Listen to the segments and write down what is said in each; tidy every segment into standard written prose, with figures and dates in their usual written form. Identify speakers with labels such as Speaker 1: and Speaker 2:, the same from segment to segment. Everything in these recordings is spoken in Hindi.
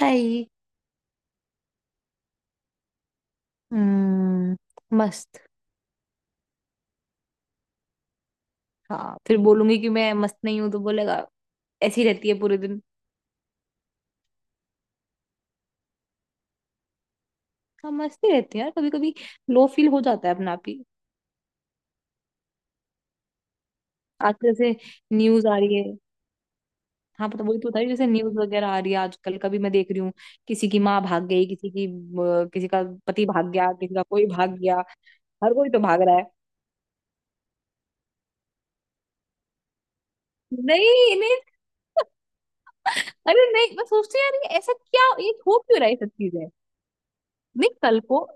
Speaker 1: हाय। हम्म। मस्त। हाँ, फिर बोलूंगी कि मैं मस्त नहीं हूं तो बोलेगा ऐसी रहती है पूरे दिन। हाँ, मस्त ही रहती है यार कभी कभी। लो फील हो जाता है अपना आप ही। आजकल जैसे न्यूज आ रही है। हाँ, पता वही तो बता रही हूँ, जैसे न्यूज वगैरह आ रही है आजकल कभी मैं देख रही हूँ। किसी की माँ भाग गई किसी की किसी का पति भाग गया किसी का कोई भाग गया। हर कोई तो भाग रहा है। नहीं, नहीं। अरे नहीं, मैं सोचती हूँ यार ये ऐसा क्या, ये हो क्यों रहा है ये सब चीजें। नहीं, कल को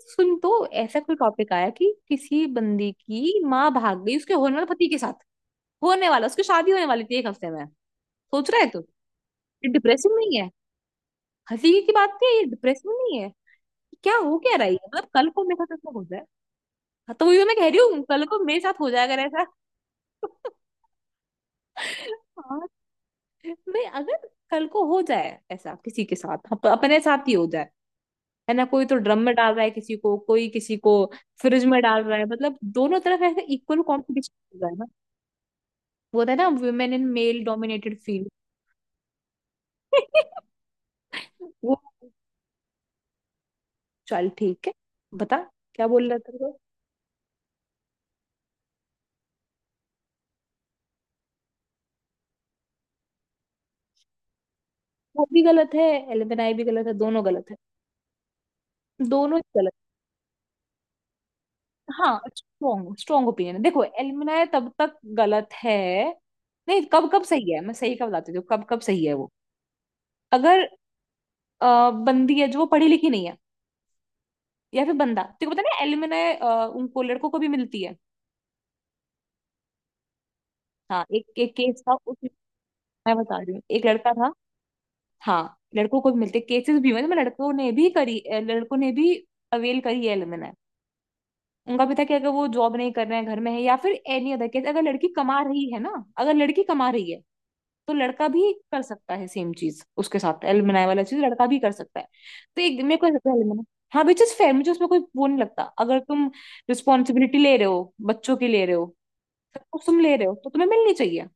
Speaker 1: सुन, तो ऐसा कोई टॉपिक आया कि किसी बंदी की माँ भाग गई उसके होने वाले पति के साथ। होने वाला, उसकी शादी होने वाली थी एक हफ्ते में। सोच रहा है तू ये डिप्रेसिंग नहीं है। हंसी की बात नहीं है, ये डिप्रेसिंग नहीं है। क्या हो क्या रहा है ये? मतलब कल को मेरे साथ ऐसा हो जाए। हाँ, तो वही तो मैं कह रही हूँ, कल को मेरे साथ हो जाएगा ऐसा। हाँ, मैं अगर कल को हो जाए ऐसा किसी के साथ, अपने साथ ही हो जाए। है ना, कोई तो ड्रम में डाल रहा है किसी को, कोई किसी को फ्रिज में डाल रहा है। मतलब दोनों तरफ ऐसे इक्वल कंपटीशन हो रहा है ना। वो था ना women in male dominated field. वो चल ठीक है। बता क्या बोल रहा था वो। वो भी गलत है, एलुमनाई भी गलत है, दोनों गलत है। दोनों ही गलत है। हाँ, स्ट्रॉन्ग स्ट्रॉन्ग ओपिनियन है। देखो, एलुमनाई तब तक गलत है, नहीं, कब कब सही है मैं सही का बताती हूँ, कब कब सही है वो। अगर बंदी है जो वो पढ़ी लिखी नहीं है, या फिर बंदा, तेरे को पता ना एलुमनाय उनको लड़कों को भी मिलती है। हाँ एक एक केस था उस, मैं बता रही हूँ, एक लड़का था। हाँ, लड़कों को भी मिलते केसेस भी हुए हैं, मतलब लड़कों ने भी करी लड़कों ने भी अवेल करी है एलुमनाय। उनका भी था कि अगर वो जॉब नहीं कर रहे हैं घर में है या फिर एनी अदर केस, अगर लड़की कमा रही है ना, अगर लड़की कमा रही है तो लड़का भी कर सकता है सेम चीज उसके साथ, एलुमनाय वाला चीज लड़का भी कर सकता है। तो एक मेरे को ऐसा लगता है हाँ, विच इज फेयर, मुझे उसमें कोई वो नहीं लगता। अगर तुम रिस्पॉन्सिबिलिटी ले रहे हो, बच्चों की ले रहे हो, सब कुछ तुम ले रहे हो तो तुम्हें मिलनी चाहिए।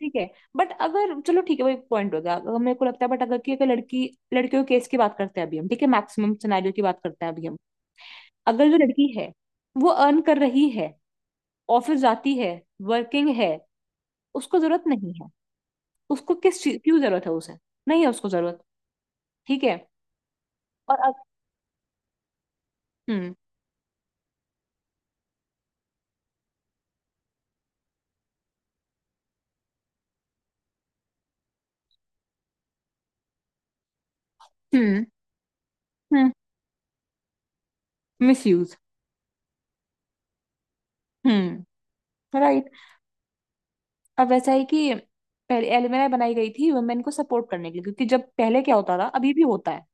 Speaker 1: ठीक है। बट अगर, चलो ठीक है वही पॉइंट हो गया, अगर मेरे को लगता है, बट अगर कि अगर लड़की, लड़कियों के केस की बात करते हैं अभी हम, ठीक है मैक्सिमम सिनेरियो की बात करते हैं अभी हम। अगर जो लड़की है, वो अर्न कर रही है, ऑफिस जाती है, वर्किंग है, उसको जरूरत नहीं है। उसको किस चीज क्यों जरूरत है, उसे नहीं है उसको जरूरत। ठीक है। और अब हम्म। हम्म। हम्म। Misuse. हम्म। राइट। अब वैसा है कि पहले एलएमआई बनाई गई थी वुमेन को सपोर्ट करने के लिए, क्योंकि जब पहले क्या होता था, अभी भी होता है,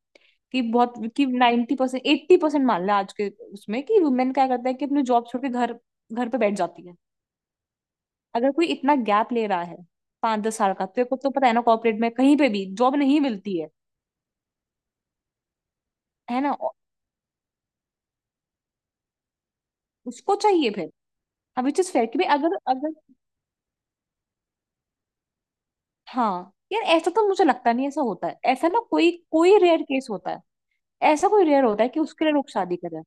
Speaker 1: कि बहुत कि 90% परसेंट एट्टी परसेंट मान लें आज के, उसमें कि वुमेन क्या करता है कि अपनी जॉब छोड़ के घर, घर पे बैठ जाती है। अगर कोई इतना गैप ले रहा है पांच दस साल का, तो पता है ना कॉर्पोरेट में कहीं पे भी जॉब नहीं मिलती है। है ना, और उसको चाहिए फिर। अब विच इज फेयर कि भाई, अगर अगर, हाँ यार ऐसा तो मुझे लगता नहीं, ऐसा होता है, ऐसा ना, कोई कोई रेयर केस होता है। ऐसा कोई रेयर होता है कि उसके लिए लोग शादी करें।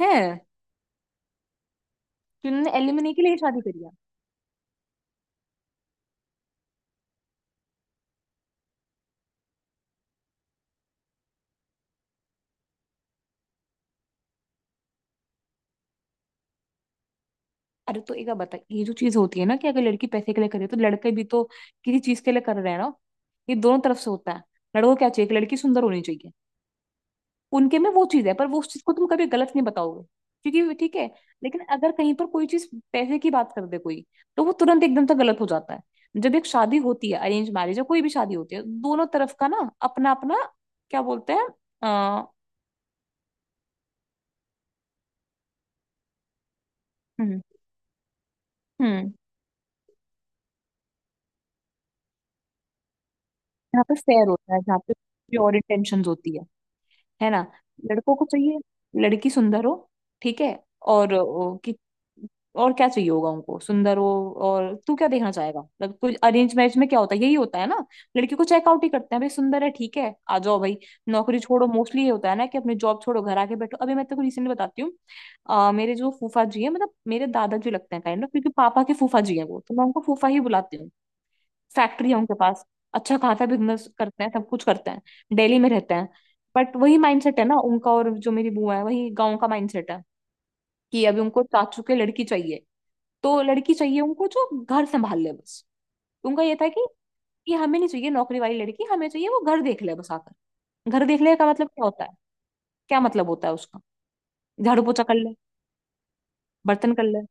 Speaker 1: हैं, तुमने एलिमनी के लिए शादी करी है। अरे तो एक बात बता, ये जो चीज होती है ना कि अगर लड़की पैसे के लिए करे तो लड़के भी तो किसी चीज के लिए कर रहे हैं ना, ये दोनों तरफ से होता है। लड़कों को क्या चाहिए कि लड़की सुंदर होनी चाहिए, उनके में वो चीज है, पर वो उस चीज को तुम कभी गलत नहीं बताओगे क्योंकि वो ठीक है। लेकिन अगर कहीं पर कोई चीज पैसे की बात कर दे कोई, तो वो तुरंत एकदम से गलत हो जाता है। जब एक शादी होती है, अरेंज मैरिज या कोई भी शादी होती है, दोनों तरफ का ना अपना अपना क्या बोलते हैं अ, हम्म। हम्म। यहाँ पे फेयर होता है जहाँ पे प्योर इंटेंशंस होती है ना। लड़कों को चाहिए लड़की सुंदर हो, ठीक है। और कि और क्या चाहिए होगा उनको, सुंदर हो। और तू क्या देखना चाहेगा, मतलब कुछ अरेंज मैरिज में क्या होता है, यही होता है ना। लड़की को चेकआउट ही करते हैं भाई, सुंदर है, ठीक है आ जाओ भाई, नौकरी छोड़ो। मोस्टली ये होता है ना कि अपनी जॉब छोड़ो, घर आके बैठो। अभी मैं तेरे को रिसेंटली बताती हूँ, मेरे जो फूफा जी है, मतलब मेरे दादाजी लगते हैं काइंड ऑफ, क्योंकि पापा के फूफा जी हैं वो, तो मैं उनको फूफा ही बुलाती हूँ। फैक्ट्री है उनके पास, अच्छा खासा बिजनेस करते हैं, सब कुछ करते हैं। दिल्ली में रहते हैं, बट वही माइंडसेट है ना उनका, और जो मेरी बुआ है वही गांव का माइंडसेट है। कि अभी उनको चाचू के लड़की चाहिए, तो लड़की चाहिए उनको जो घर संभाल ले बस। उनका ये था कि ये हमें नहीं चाहिए नौकरी वाली लड़की, हमें चाहिए वो घर देख ले बस आकर। घर देख ले का मतलब क्या होता है, क्या मतलब होता है उसका, झाड़ू पोछा कर ले, बर्तन कर ले।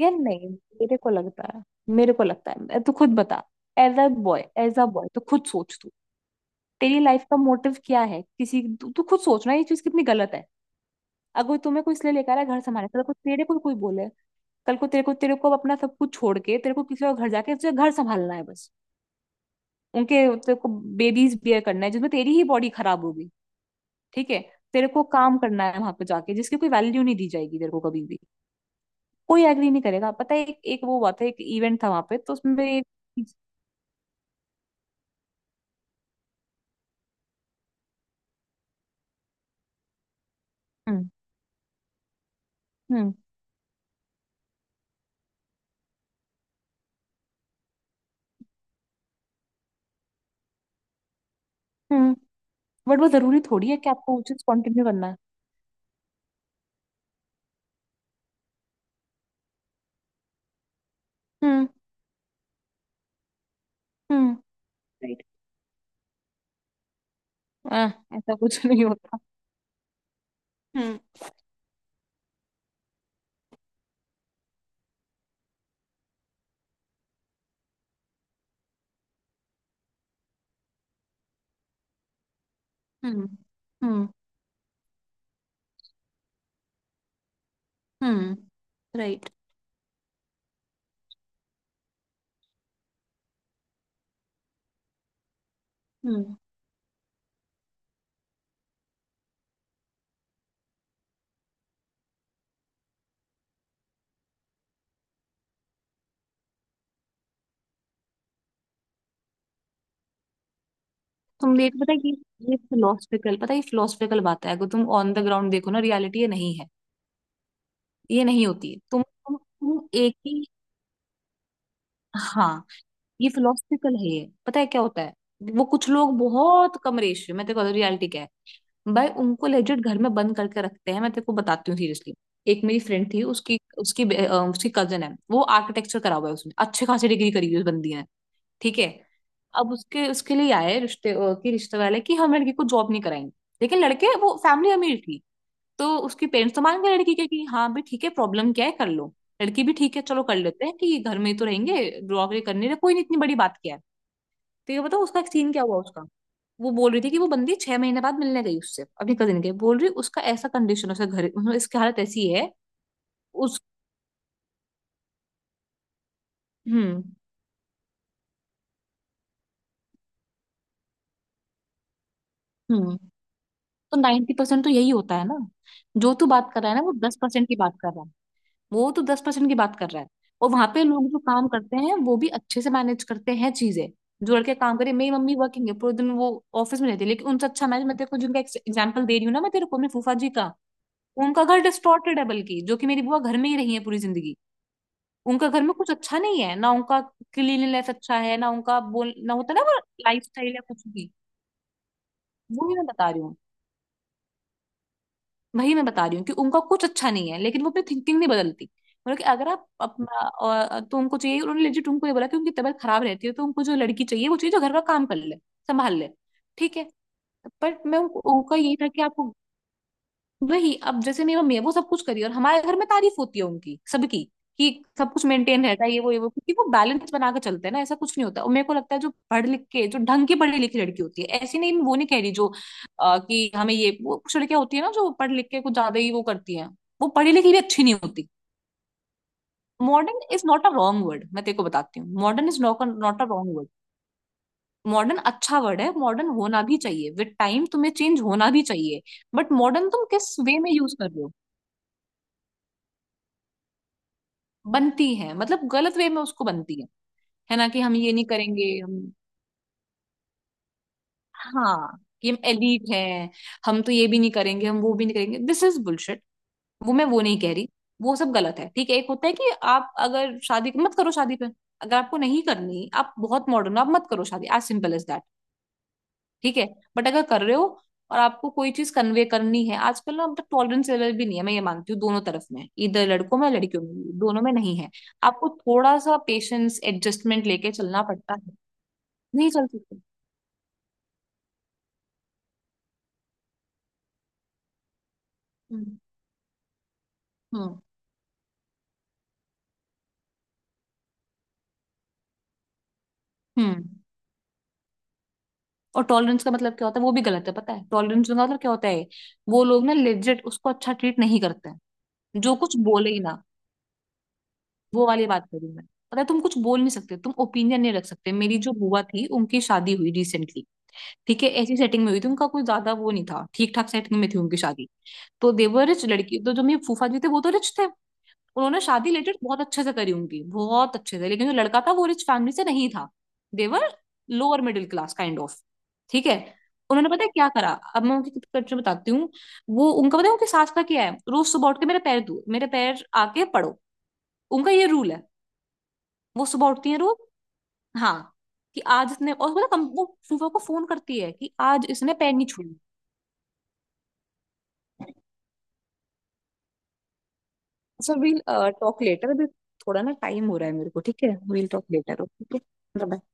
Speaker 1: यार नहीं, मेरे को लगता है, मेरे को लगता है तू खुद बता, as a boy, as a boy तो खुद सोच तू। तेरी लाइफ का मोटिव क्या है किसी, तू, तू खुद सोचना ये चीज कितनी गलत है। अगर तुम्हें को इसलिए लेकर आया घर संभालने, कल को तेरे को कोई बोले, कल को तेरे को, तेरे को अपना सब कुछ छोड़ के तेरे को किसी और घर जाके तुझे घर संभालना है बस, उनके। तेरे को बेबीज बियर करना है जिसमें तेरी ही बॉडी खराब होगी, ठीक है। तेरे को काम करना है वहां पे जाके जिसकी कोई वैल्यू नहीं दी जाएगी तेरे को कभी भी, कोई एग्री नहीं करेगा। पता है एक वो हुआ था, एक इवेंट था वहां पे तो उसमें एक हम्म। हम्म। हम्म। बट वो जरूरी थोड़ी है कि आपको वो चीज कंटिन्यू करना है। हम्म। हम्म। राइट। आह, ऐसा कुछ नहीं होता। हम्म। हम्म। हम्म। हम्म। राइट। हम्म। तुम एक पता है कि ये फिलोसफिकल, पता है ये फिलोसफिकल बात है, अगर तुम ऑन द ग्राउंड देखो ना, रियलिटी ये नहीं है, ये नहीं होती है। तुम एक ही, हाँ, ये फिलोसफिकल है, ये पता है क्या होता है। वो कुछ लोग बहुत कम रेशियो, मैं तेरे को रियलिटी क्या है, भाई उनको लेजिट घर में बंद करके रखते हैं, मैं तेरे को बताती हूँ सीरियसली। एक मेरी फ्रेंड थी, उसकी उसकी बे- अ, उसकी कजन है, वो आर्किटेक्चर करा हुआ है, उसने अच्छे खासी डिग्री करी हुई है उस बंदी ने, ठीक है। अब उसके उसके लिए आए रिश्ते, कि रिश्ते वाले कि हम लड़की को जॉब नहीं कराएंगे, लेकिन लड़के वो फैमिली अमीर थी, तो उसके पेरेंट्स तो मान गए लड़की के कि हाँ भाई ठीक है प्रॉब्लम क्या है कर लो। लड़की भी ठीक है, चलो कर लेते हैं कि घर में ही तो रहेंगे, नौकरी करने रहे, कोई नहीं, इतनी बड़ी बात क्या है। तो ये बताओ उसका सीन क्या हुआ उसका। वो बोल रही थी कि वो बंदी 6 महीने बाद मिलने गई उससे, अपनी कजिन के बोल रही उसका ऐसा कंडीशन, उसका घर, मतलब इसकी हालत ऐसी है उस हम्म। हम्म। तो 90% तो यही होता है ना, जो तू बात कर रहा है ना वो 10% की बात कर रहा है, वो तो 10% की बात कर रहा है। और वहां पे लोग जो काम करते हैं वो भी अच्छे से मैनेज करते हैं चीजें, जो लड़के काम करे। मेरी मम्मी वर्किंग है, पूरे दिन वो ऑफिस में रहती है, लेकिन उनसे अच्छा मैनेज, मैं तेरे को जिनका एग्जाम्पल दे रही हूँ ना, मैं तेरे को अपने फूफा जी का, उनका घर डिस्टॉर्टेड है, बल्कि जो कि मेरी बुआ घर में ही रही है पूरी जिंदगी, उनका घर में कुछ अच्छा नहीं है ना उनका। क्लीनलीनेस अच्छा है ना उनका, बोल ना होता ना वो, लाइफ स्टाइल या कुछ भी, वही मैं बता रही हूँ। वही मैं बता रही हूँ कि उनका कुछ अच्छा नहीं है, लेकिन वो अपनी थिंकिंग नहीं बदलती। मतलब कि अगर आप अपना, और तो उनको चाहिए, उन्होंने लेजिट उनको ये बोला कि उनकी तबीयत खराब रहती है तो उनको जो लड़की चाहिए वो चाहिए जो घर का काम कर ले, संभाल ले, ठीक है। बट मैं उनको, उनका यही था कि आपको, वही अब जैसे मेरी मम्मी है वो सब कुछ करी और हमारे घर में तारीफ होती है उनकी सबकी कि सब कुछ मेंटेन रहता है ये वो ये वो, क्योंकि वो बैलेंस बना के चलते हैं ना, ऐसा कुछ नहीं होता। और मेरे को लगता है जो पढ़ लिख के, जो ढंग की पढ़ी लिखी लड़की होती है, ऐसी नहीं वो नहीं कह रही जो कि हमें ये वो, कुछ लड़कियां होती है ना जो पढ़ लिख के कुछ ज्यादा ही वो करती हैं, वो पढ़ी लिखी भी अच्छी नहीं होती। Modern is not a wrong word, मैं तेरे को बताती हूँ, modern is not, not a wrong word. Modern अच्छा वर्ड है, मॉडर्न होना भी चाहिए विद टाइम तुम्हें चेंज होना भी चाहिए। बट मॉडर्न तुम किस वे में यूज कर रहे हो, बनती है मतलब गलत वे में उसको, बनती है। है ना कि हम ये नहीं करेंगे हम, हाँ कि हम एलीट हैं, हम तो ये भी नहीं करेंगे हम वो भी नहीं करेंगे, दिस इज बुलशिट, वो मैं वो नहीं कह रही। वो सब गलत है, ठीक है। एक होता है कि आप अगर शादी मत करो, शादी पे अगर आपको नहीं करनी, आप बहुत मॉडर्न आप मत करो शादी, एज सिंपल एज दैट, ठीक है। बट अगर कर रहे हो और आपको कोई चीज कन्वे करनी है, आजकल ना मतलब टॉलरेंस लेवल भी नहीं है, मैं ये मानती हूँ, दोनों तरफ में, इधर लड़कों में लड़कियों में भी, दोनों में नहीं है। आपको थोड़ा सा पेशेंस, एडजस्टमेंट लेके चलना पड़ता है। नहीं चल सकते। हम्म। हम्म। हम्म। और टॉलरेंस का मतलब क्या होता है, वो भी गलत है। पता है टॉलरेंस का मतलब क्या होता है, वो लोग ना लेजिट उसको अच्छा ट्रीट नहीं करते हैं, जो कुछ बोले ही ना, वो वाली बात करूं मैं, पता है, तुम कुछ बोल नहीं सकते, तुम ओपिनियन नहीं रख सकते। मेरी जो बुआ थी उनकी शादी हुई रिसेंटली, ठीक है, ऐसी सेटिंग में हुई थी, उनका कोई ज्यादा वो नहीं था, ठीक ठाक सेटिंग में थी उनकी शादी। तो देवर, रिच लड़की, तो जो मेरे फूफा जी थे वो तो रिच थे, उन्होंने शादी रिलेटेड बहुत अच्छे से करी, उनकी बहुत अच्छे से, लेकिन जो लड़का था वो रिच फैमिली से नहीं था। देवर, lower middle class kind of, ठीक है। उन्होंने पता है क्या करा, अब मैं उनकी कल्चर बताती हूँ, वो उनका, पता है उनकी सास का क्या है, रोज सुबह उठ के मेरे पैर धो, मेरे पैर आके पढ़ो, उनका ये रूल है। वो सुबह उठती है रोज, हाँ, कि आज इसने, और पता है, कम वो फूफा को फोन करती है कि आज इसने पैर नहीं छुए। सो वील टॉक लेटर अभी, थोड़ा ना टाइम हो रहा है मेरे को, ठीक है वील टॉक लेटर, ओके।